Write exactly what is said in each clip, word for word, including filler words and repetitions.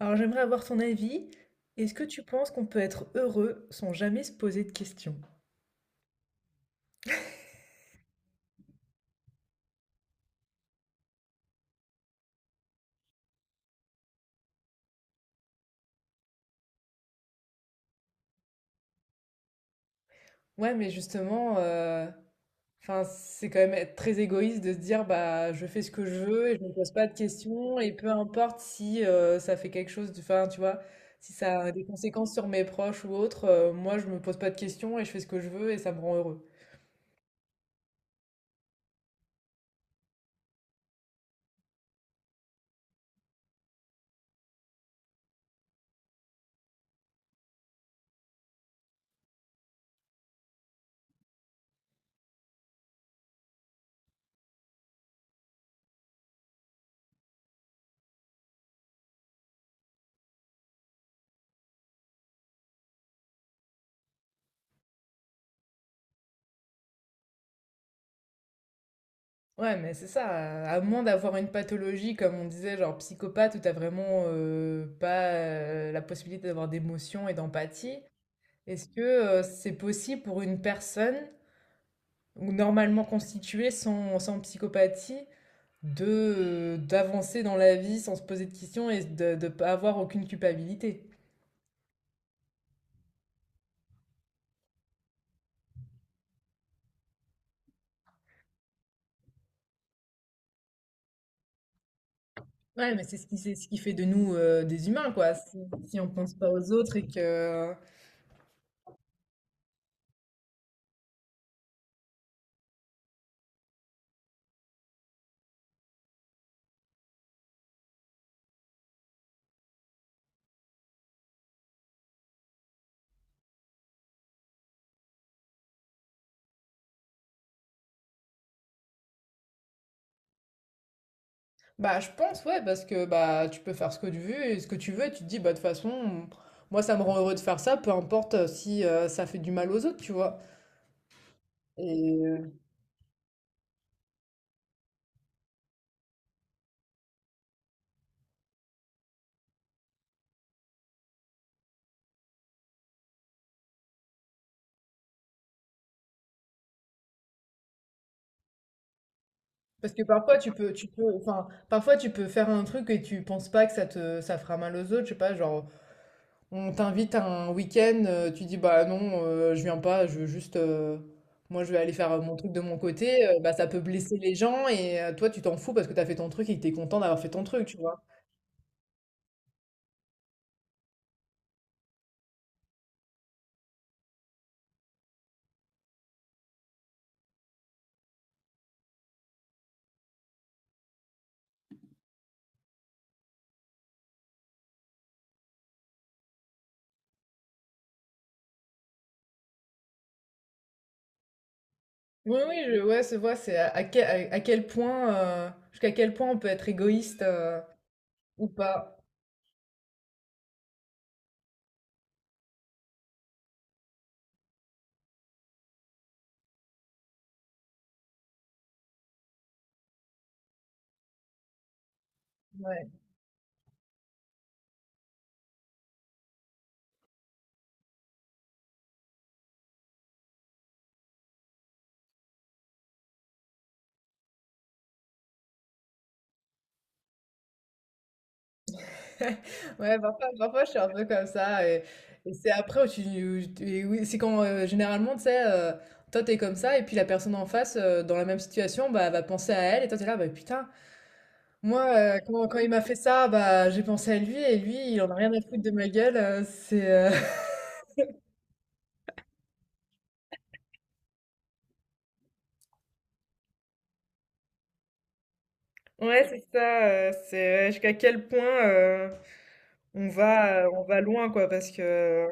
Alors j'aimerais avoir ton avis. Est-ce que tu penses qu'on peut être heureux sans jamais se poser de questions? Ouais, mais justement, euh, enfin, c'est quand même être très égoïste de se dire, bah, je fais ce que je veux et je me pose pas de questions et peu importe si euh, ça fait quelque chose, de, enfin, tu vois, si ça a des conséquences sur mes proches ou autres, euh, moi, je me pose pas de questions et je fais ce que je veux et ça me rend heureux. Ouais, mais c'est ça, à moins d'avoir une pathologie, comme on disait, genre psychopathe, où t'as vraiment euh, pas euh, la possibilité d'avoir d'émotion et d'empathie. Est-ce que, heu, c'est possible pour une personne ou normalement constituée sans sans psychopathie de, heu, d'avancer dans la vie sans se poser de questions et de de pas avoir aucune culpabilité? Ouais, mais c'est ce qui c'est ce qui fait de nous, heu, des humains quoi, si si on pense pas aux autres et que bah, je pense ouais parce que, bah, tu peux faire ce que tu veux et ce que tu veux et tu te dis: «Bah, de toute façon, moi ça me rend heureux de faire ça, peu importe, si, heu, ça fait du mal aux autres», tu vois? Et heu. Parce que parfois tu peux, tu peux, enfin, parfois tu peux faire un truc et tu penses pas que ça te, ça fera mal aux autres, je sais pas, genre, on t'invite à un week-end, euh, tu dis bah non, euh, je viens pas, je veux juste, euh, moi je vais aller faire euh, mon truc de mon côté, euh, bah ça peut blesser les gens et euh, toi tu t'en fous parce que t'as fait ton truc et que t'es content d'avoir fait ton truc, tu vois. Oui, oui, je, ouais, c'est vrai, c'est à, à quel, à- à quel point, euh, jusqu'à quel point on peut être égoïste euh, ou pas. Ouais, parfois, parfois, je suis un peu comme ça. Et, et c'est après où tu. Et oui, c'est quand euh, généralement, tu sais, euh, toi, t'es comme ça, et puis la personne en face, euh, dans la même situation, bah, va penser à elle, et toi, t'es là, bah putain, moi, euh, quand, quand il m'a fait ça, bah, j'ai pensé à lui, et lui, il en a rien à foutre de ma gueule. Euh, c'est. Euh, Ouais, c'est ça, euh, c'est ouais, jusqu'à quel point euh, on va, on va loin, quoi, parce que...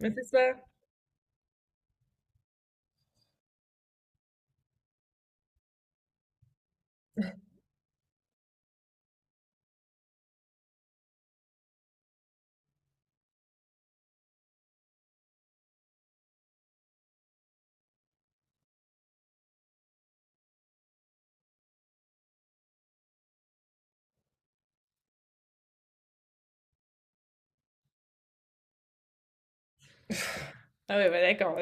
Mais c'est ça. Ah ouais, bah d'accord.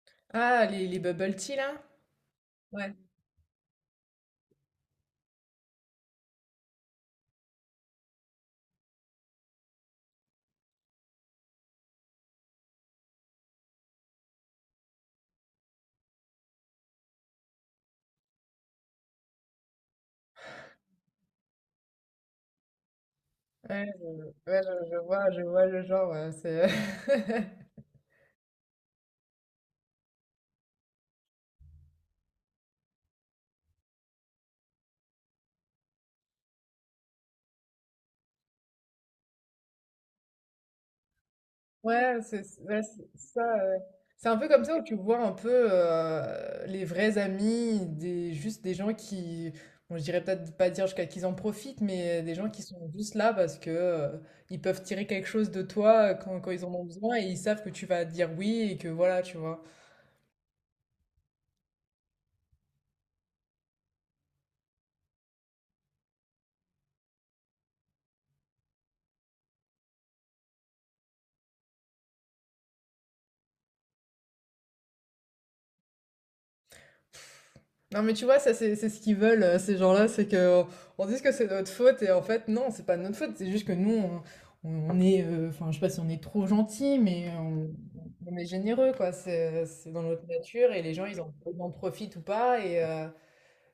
Ah, les, les bubble tea, là? Ouais. Ouais, je, ouais, je- je vois, je vois le genre. Euh, c'est... Ouais, c'est ouais, c'est- ça. Euh, c'est un peu comme ça où tu vois un peu euh, les vrais amis, des, juste des gens qui, bon, je dirais peut-être pas dire jusqu'à qu'ils en profitent, mais des gens qui sont juste là parce que euh, ils peuvent tirer quelque chose de toi quand, quand ils en ont besoin et ils savent que tu vas dire oui et que voilà, tu vois. Non mais tu vois, ça c'est c'est ce qu'ils veulent, euh, ces gens-là, c'est que euh, on dise que c'est notre faute et en fait non, c'est pas notre faute, c'est juste que nous on, on- on est, euh, enfin je sais pas si on est trop gentil, mais on, on est généreux quoi, c'est c'est dans notre nature et les gens ils en, ils en profitent ou pas et, euh,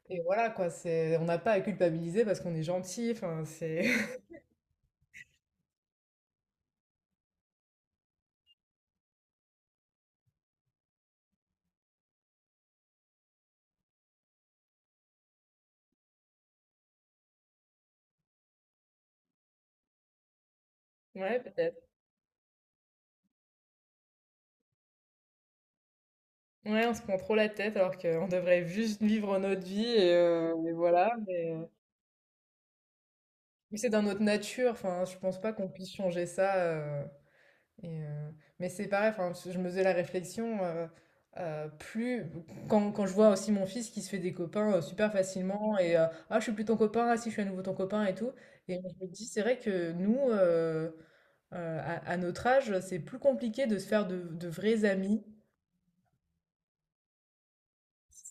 et voilà quoi, c'est on n'a pas à culpabiliser parce qu'on est gentil, enfin c'est ouais peut-être. Ouais, on se prend trop la tête alors qu'on devrait juste vivre notre vie et, euh, et voilà, mais, euh, mais c'est dans notre nature, enfin je pense pas qu'on puisse changer ça. Euh, et, euh, mais c'est pareil, enfin, je me faisais la réflexion, euh, euh, plus quand, quand je vois aussi mon fils qui se fait des copains euh, super facilement et euh, ah je suis plus ton copain, ah si je suis à nouveau ton copain et tout. Et je me dis c'est vrai que nous, euh, euh, à, à notre âge, c'est plus compliqué de se faire de, de vrais amis.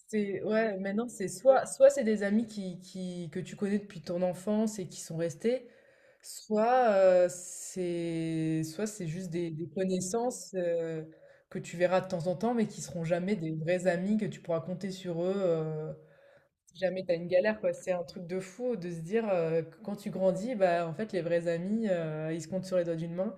C'est ouais, maintenant c'est soit soit c'est des amis qui, qui que tu connais depuis ton enfance et qui sont restés, soit, heu, c'est soit c'est juste des des connaissances, heu, que tu verras de temps en temps, mais qui seront jamais des vrais amis que tu pourras compter sur eux, heu, si jamais tu as une galère, quoi. C'est un truc de fou de se dire, heu, que quand tu grandis, bah, en fait, les vrais amis, heu, ils se comptent sur les doigts d'une main.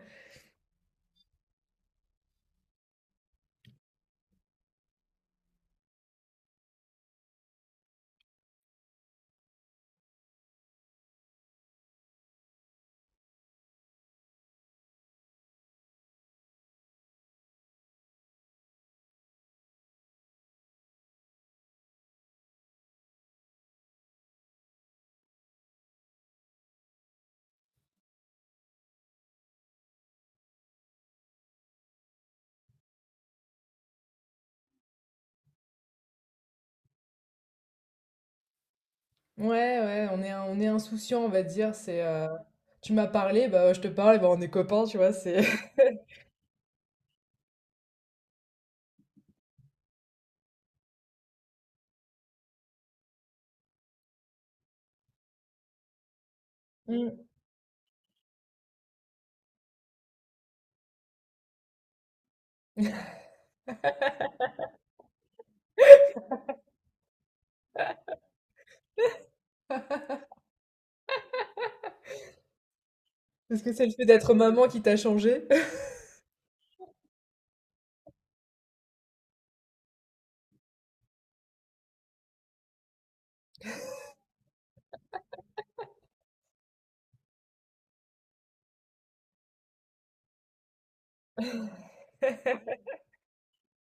Ouais, ouais, on est in on est insouciant, on va dire. C'est, heu, tu m'as parlé, bah, je te parle et bah, on est copains, tu vois? C'est mmh. Est-ce que c'est le fait d'être maman qui t'a changé?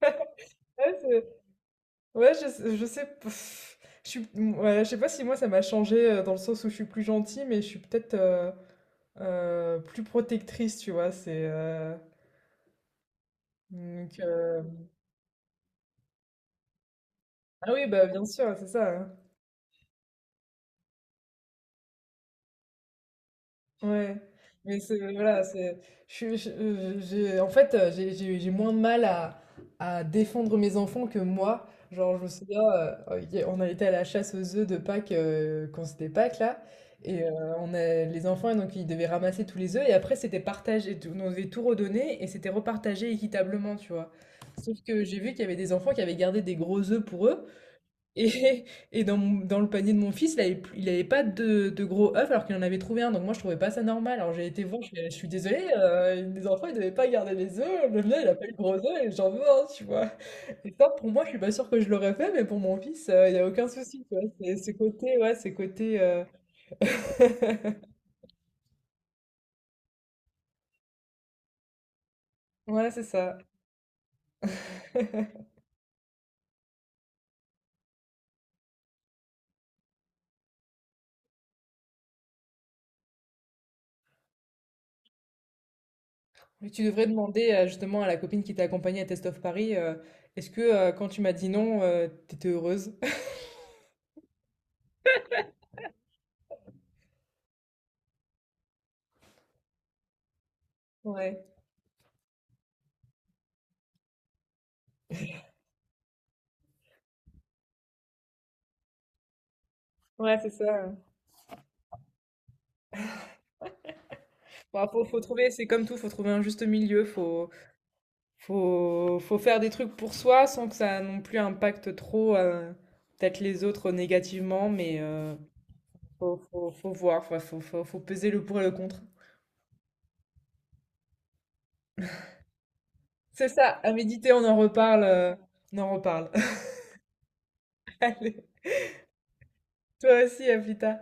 Ouais, ouais, je sais je sais pff, je suis ouais, je sais pas si moi ça m'a changé heu, dans le sens où je suis plus gentille, mais je suis peut-être, heu heu, plus protectrice, tu vois? C'est, heu, donc, heu. Ah oui, bah, bien sûr, c'est ça, hein. Ouais, mais c'est voilà, c'est je suis je- euh, j'ai en fait, heu, j'ai j'ai j'ai moins de mal à à défendre mes enfants que moi. Genre, je me souviens, heu, y a on a été à la chasse aux œufs de Pâques, heu, quand c'était Pâques là et heu, on a les enfants donc ils devaient ramasser tous les œufs et après c'était partagé, tout on devait tout redonner et c'était repartagé équitablement, tu vois? Sauf que j'ai vu qu'il y avait des enfants qui avaient gardé des gros œufs pour eux et, et dans, mon- dans le panier de mon fils, il avait, plus- il avait pas de, de gros œufs alors qu'il en avait trouvé un. Donc moi, je trouvais pas ça normal. Alors j'ai été voir, je, fais, je suis désolée, euh, les enfants, ils devaient pas garder les œufs. Le mien, il a pas eu de gros œufs et j'en veux un, tu vois. Et ça, pour moi, je suis pas sûre que je l'aurais fait, mais pour mon fils, euh, il y a aucun souci, tu vois. C'est ce côté, ouais, ce côté... euh, Ouais, c'est ça. Mais tu devrais demander euh, justement à la copine qui t'a accompagnée à Test of Paris, euh, est-ce que euh, quand tu m'as dit non, euh, t'étais heureuse? Ouais, ouais, c'est ça. Bah, faut, faut trouver, c'est comme tout, faut trouver un juste milieu, faut, faut, faut faire des trucs pour soi sans que ça non plus impacte trop euh, peut-être les autres négativement, mais euh, faut, faut, faut voir, faut, faut, faut- faut peser le pour et le contre. C'est ça, à méditer, on en reparle, euh, on en reparle. Allez, toi aussi, à plus tard.